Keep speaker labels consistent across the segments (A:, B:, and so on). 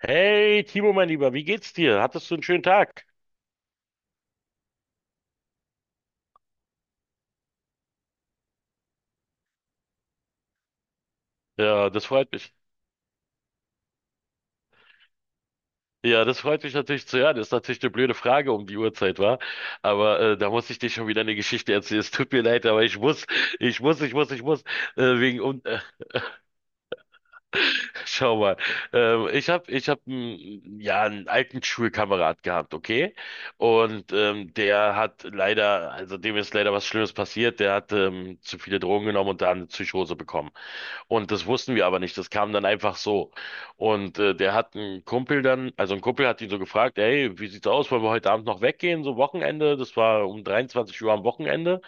A: Hey, Timo, mein Lieber, wie geht's dir? Hattest du einen schönen Tag? Ja, das freut mich. Ja, das freut mich natürlich zu hören. Ist natürlich eine blöde Frage um die Uhrzeit, war. Aber da muss ich dir schon wieder eine Geschichte erzählen. Es tut mir leid, aber ich muss, ich muss, ich muss, ich muss. Äh, wegen um, äh, Schau mal. Ich hab, einen, ja, einen alten Schulkamerad gehabt, okay? Und der hat leider, also dem ist leider was Schlimmes passiert. Der hat zu viele Drogen genommen und da eine Psychose bekommen. Und das wussten wir aber nicht. Das kam dann einfach so. Und der hat einen Kumpel dann, also ein Kumpel hat ihn so gefragt, hey, wie sieht's aus? Wollen wir heute Abend noch weggehen? So Wochenende. Das war um 23 Uhr am Wochenende.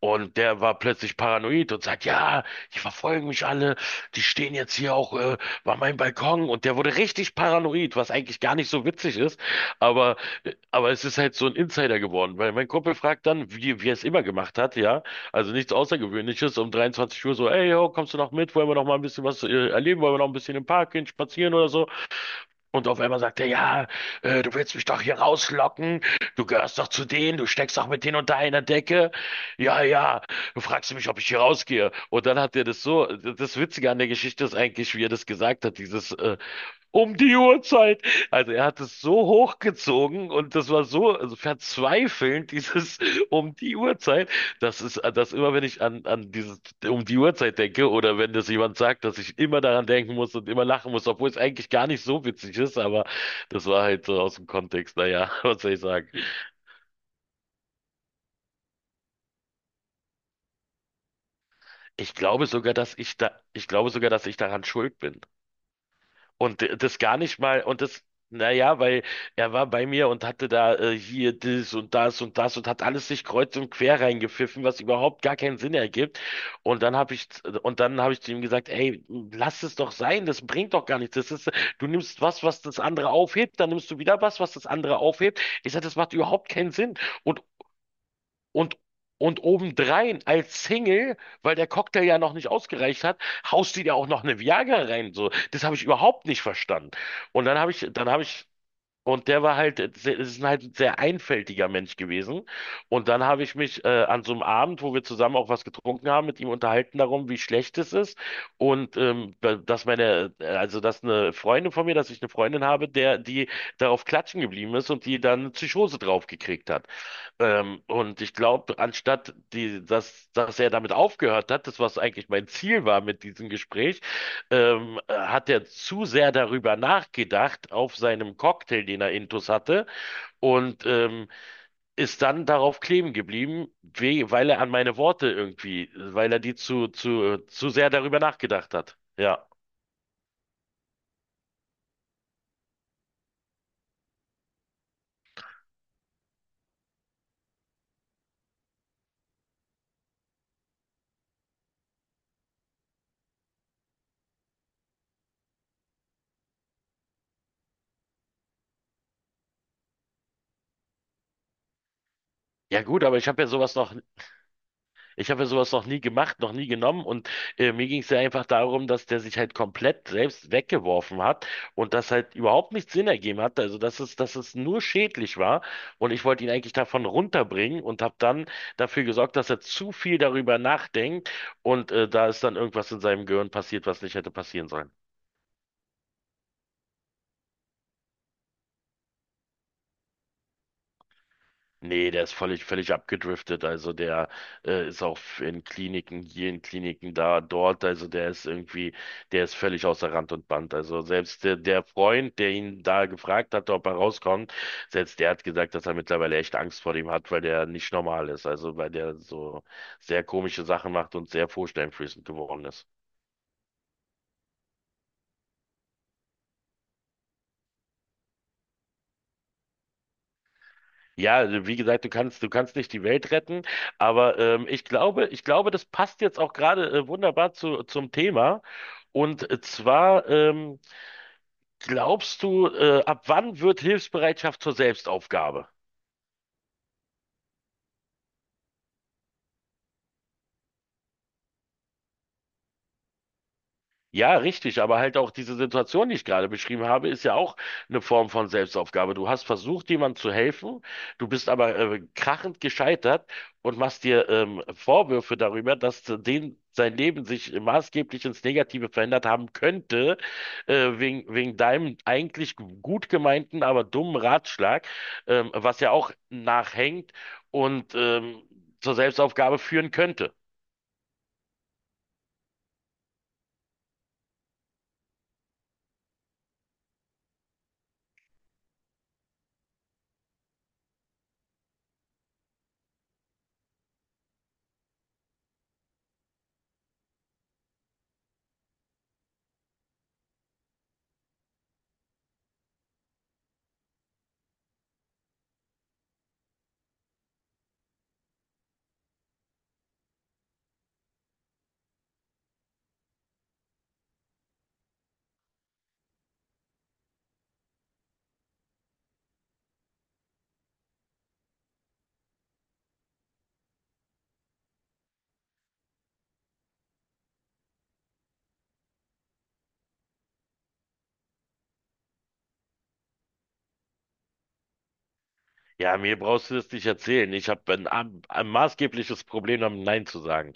A: Und der war plötzlich paranoid und sagt, ja, die verfolgen mich alle, die stehen jetzt hier auch bei meinem Balkon. Und der wurde richtig paranoid, was eigentlich gar nicht so witzig ist. Aber, aber es ist halt so ein Insider geworden, weil mein Kumpel fragt dann, wie er es immer gemacht hat, ja. Also nichts Außergewöhnliches, um 23 Uhr so, ey, yo, kommst du noch mit? Wollen wir noch mal ein bisschen was erleben? Wollen wir noch ein bisschen im Park gehen, spazieren oder so? Und auf einmal sagt er, ja, du willst mich doch hier rauslocken. Du gehörst doch zu denen, du steckst doch mit denen unter einer Decke. Ja, ja, du fragst mich, ob ich hier rausgehe. Und dann hat er das so, das Witzige an der Geschichte ist eigentlich, wie er das gesagt hat, dieses um die Uhrzeit. Also er hat es so hochgezogen und das war so also verzweifelnd, dieses um die Uhrzeit. Das ist, das immer, wenn ich an dieses, um die Uhrzeit denke oder wenn das jemand sagt, dass ich immer daran denken muss und immer lachen muss, obwohl es eigentlich gar nicht so witzig ist, aber das war halt so aus dem Kontext. Naja, was soll ich sagen? Ich glaube sogar, dass ich daran schuld bin. Und das gar nicht mal, und das, naja, weil er war bei mir und hatte da hier das und das und das und hat alles sich kreuz und quer reingepfiffen, was überhaupt gar keinen Sinn ergibt. Und dann habe ich, und dann habe ich zu ihm gesagt, ey, lass es doch sein, das bringt doch gar nichts. Das ist, du nimmst was, was das andere aufhebt, dann nimmst du wieder was, was das andere aufhebt. Ich sage, das macht überhaupt keinen Sinn. Und und, und obendrein als Single, weil der Cocktail ja noch nicht ausgereicht hat, haust die dir auch noch eine Viagra rein. So, das habe ich überhaupt nicht verstanden. Und dann habe ich und der war halt, ist halt ein sehr einfältiger Mensch gewesen. Und dann habe ich mich an so einem Abend, wo wir zusammen auch was getrunken haben, mit ihm unterhalten darum, wie schlecht es ist. Und dass meine, also dass eine Freundin von mir, dass ich eine Freundin habe, der, die darauf klatschen geblieben ist und die dann eine Psychose drauf gekriegt hat. Und ich glaube, anstatt die, dass er damit aufgehört hat, das was eigentlich mein Ziel war mit diesem Gespräch, hat er zu sehr darüber nachgedacht auf seinem Cocktail, den er intus hatte, und ist dann darauf kleben geblieben, we weil er an meine Worte irgendwie, weil er die zu sehr darüber nachgedacht hat. Ja. Ja gut, aber Ich habe ja sowas noch nie gemacht, noch nie genommen und mir ging es ja einfach darum, dass der sich halt komplett selbst weggeworfen hat und das halt überhaupt nicht Sinn ergeben hat, also dass es nur schädlich war und ich wollte ihn eigentlich davon runterbringen und habe dann dafür gesorgt, dass er zu viel darüber nachdenkt und da ist dann irgendwas in seinem Gehirn passiert, was nicht hätte passieren sollen. Nee, der ist völlig, völlig abgedriftet. Also der ist auch in Kliniken, hier in Kliniken, da, dort. Also der ist irgendwie, der ist völlig außer Rand und Band. Also selbst der, der Freund, der ihn da gefragt hat, ob er rauskommt, selbst der hat gesagt, dass er mittlerweile echt Angst vor dem hat, weil der nicht normal ist. Also weil der so sehr komische Sachen macht und sehr vorstellungsflößend geworden ist. Ja, also wie gesagt, du kannst nicht die Welt retten, aber ich glaube, das passt jetzt auch gerade wunderbar zum Thema. Und zwar, glaubst du, ab wann wird Hilfsbereitschaft zur Selbstaufgabe? Ja, richtig, aber halt auch diese Situation, die ich gerade beschrieben habe, ist ja auch eine Form von Selbstaufgabe. Du hast versucht, jemandem zu helfen, du bist aber krachend gescheitert und machst dir Vorwürfe darüber, dass den sein Leben sich maßgeblich ins Negative verändert haben könnte, wegen deinem eigentlich gut gemeinten, aber dummen Ratschlag, was ja auch nachhängt und zur Selbstaufgabe führen könnte. Ja, mir brauchst du das nicht erzählen. Ich habe ein maßgebliches Problem damit, Nein zu sagen.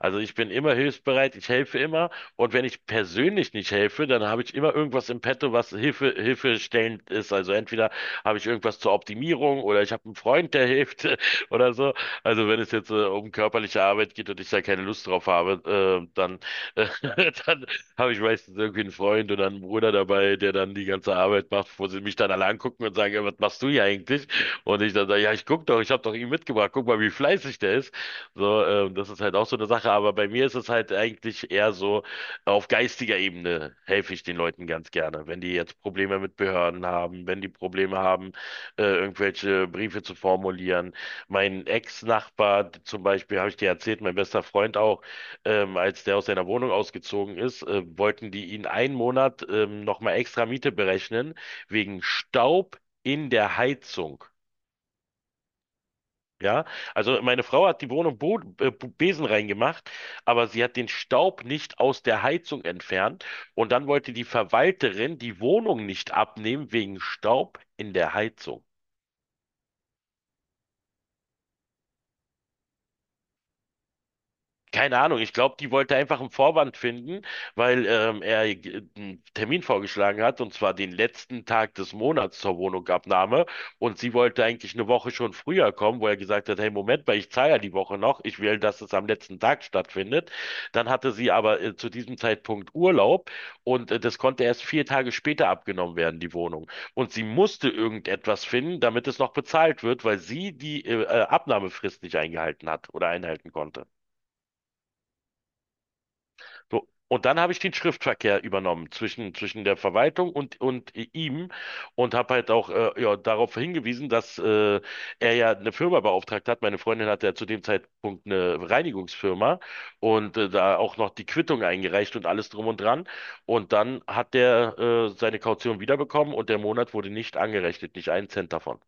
A: Also ich bin immer hilfsbereit, ich helfe immer. Und wenn ich persönlich nicht helfe, dann habe ich immer irgendwas im Petto, was hilfestellend ist. Also entweder habe ich irgendwas zur Optimierung oder ich habe einen Freund, der hilft oder so. Also wenn es jetzt um körperliche Arbeit geht und ich da keine Lust drauf habe, äh, dann habe ich meistens irgendwie einen Freund oder einen Bruder dabei, der dann die ganze Arbeit macht, wo sie mich dann alle angucken und sagen, "Ja, was machst du hier eigentlich? Und ich dann sage, ja, ich guck doch, ich habe doch ihn mitgebracht, guck mal, wie fleißig der ist." So, das ist halt auch so eine Sache, aber bei mir ist es halt eigentlich eher so, auf geistiger Ebene helfe ich den Leuten ganz gerne. Wenn die jetzt Probleme mit Behörden haben, wenn die Probleme haben, irgendwelche Briefe zu formulieren. Mein Ex-Nachbar zum Beispiel, habe ich dir erzählt, mein bester Freund auch, als der aus seiner Wohnung ausgezogen ist, wollten die ihn einen Monat nochmal extra Miete berechnen, wegen Staub in der Heizung. Ja, also meine Frau hat die Wohnung Besen reingemacht, aber sie hat den Staub nicht aus der Heizung entfernt und dann wollte die Verwalterin die Wohnung nicht abnehmen wegen Staub in der Heizung. Keine Ahnung, ich glaube, die wollte einfach einen Vorwand finden, weil er einen Termin vorgeschlagen hat, und zwar den letzten Tag des Monats zur Wohnungsabnahme. Und sie wollte eigentlich eine Woche schon früher kommen, wo er gesagt hat, hey, Moment mal, ich zahle ja die Woche noch, ich will, dass es am letzten Tag stattfindet. Dann hatte sie aber zu diesem Zeitpunkt Urlaub und das konnte erst vier Tage später abgenommen werden, die Wohnung. Und sie musste irgendetwas finden, damit es noch bezahlt wird, weil sie die Abnahmefrist nicht eingehalten hat oder einhalten konnte. So. Und dann habe ich den Schriftverkehr übernommen zwischen der Verwaltung und ihm und habe halt auch ja, darauf hingewiesen, dass er ja eine Firma beauftragt hat. Meine Freundin hatte ja zu dem Zeitpunkt eine Reinigungsfirma und da auch noch die Quittung eingereicht und alles drum und dran. Und dann hat der seine Kaution wiederbekommen und der Monat wurde nicht angerechnet, nicht einen Cent davon.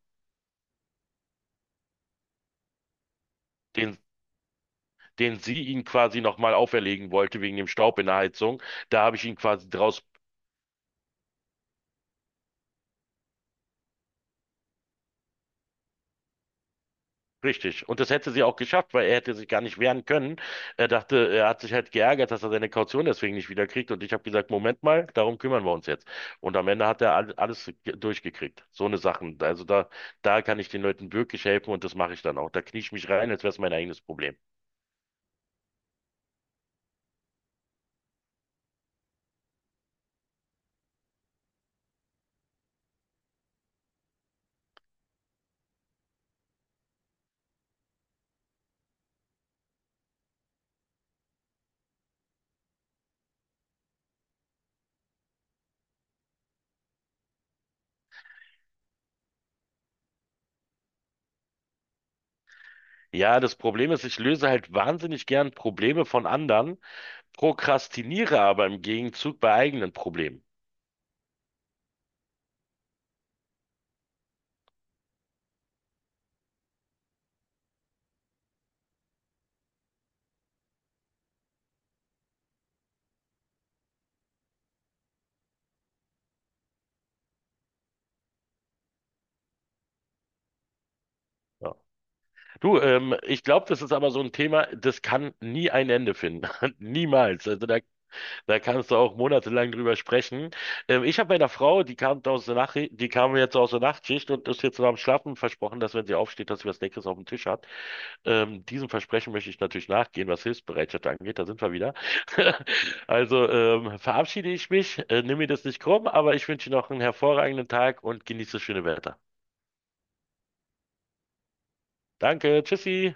A: Den, den sie ihn quasi nochmal auferlegen wollte wegen dem Staub in der Heizung. Da habe ich ihn quasi draus. Richtig. Und das hätte sie auch geschafft, weil er hätte sich gar nicht wehren können. Er dachte, er hat sich halt geärgert, dass er seine Kaution deswegen nicht wiederkriegt. Und ich habe gesagt, Moment mal, darum kümmern wir uns jetzt. Und am Ende hat er alles durchgekriegt. So eine Sachen. Also da kann ich den Leuten wirklich helfen und das mache ich dann auch. Da knie ich mich rein, als wäre es mein eigenes Problem. Ja, das Problem ist, ich löse halt wahnsinnig gern Probleme von anderen, prokrastiniere aber im Gegenzug bei eigenen Problemen. Ja. Du, ich glaube, das ist aber so ein Thema, das kann nie ein Ende finden. Niemals. Also da kannst du auch monatelang drüber sprechen. Ich habe meiner Frau, die kam aus der Nacht, die kam jetzt aus der Nachtschicht und ist jetzt noch am Schlafen versprochen, dass wenn sie aufsteht, dass sie was Leckeres auf dem Tisch hat. Diesem Versprechen möchte ich natürlich nachgehen, was Hilfsbereitschaft angeht. Da sind wir wieder. Also verabschiede ich mich, nimm mir das nicht krumm, aber ich wünsche dir noch einen hervorragenden Tag und genieße das schöne Wetter. Danke, tschüssi.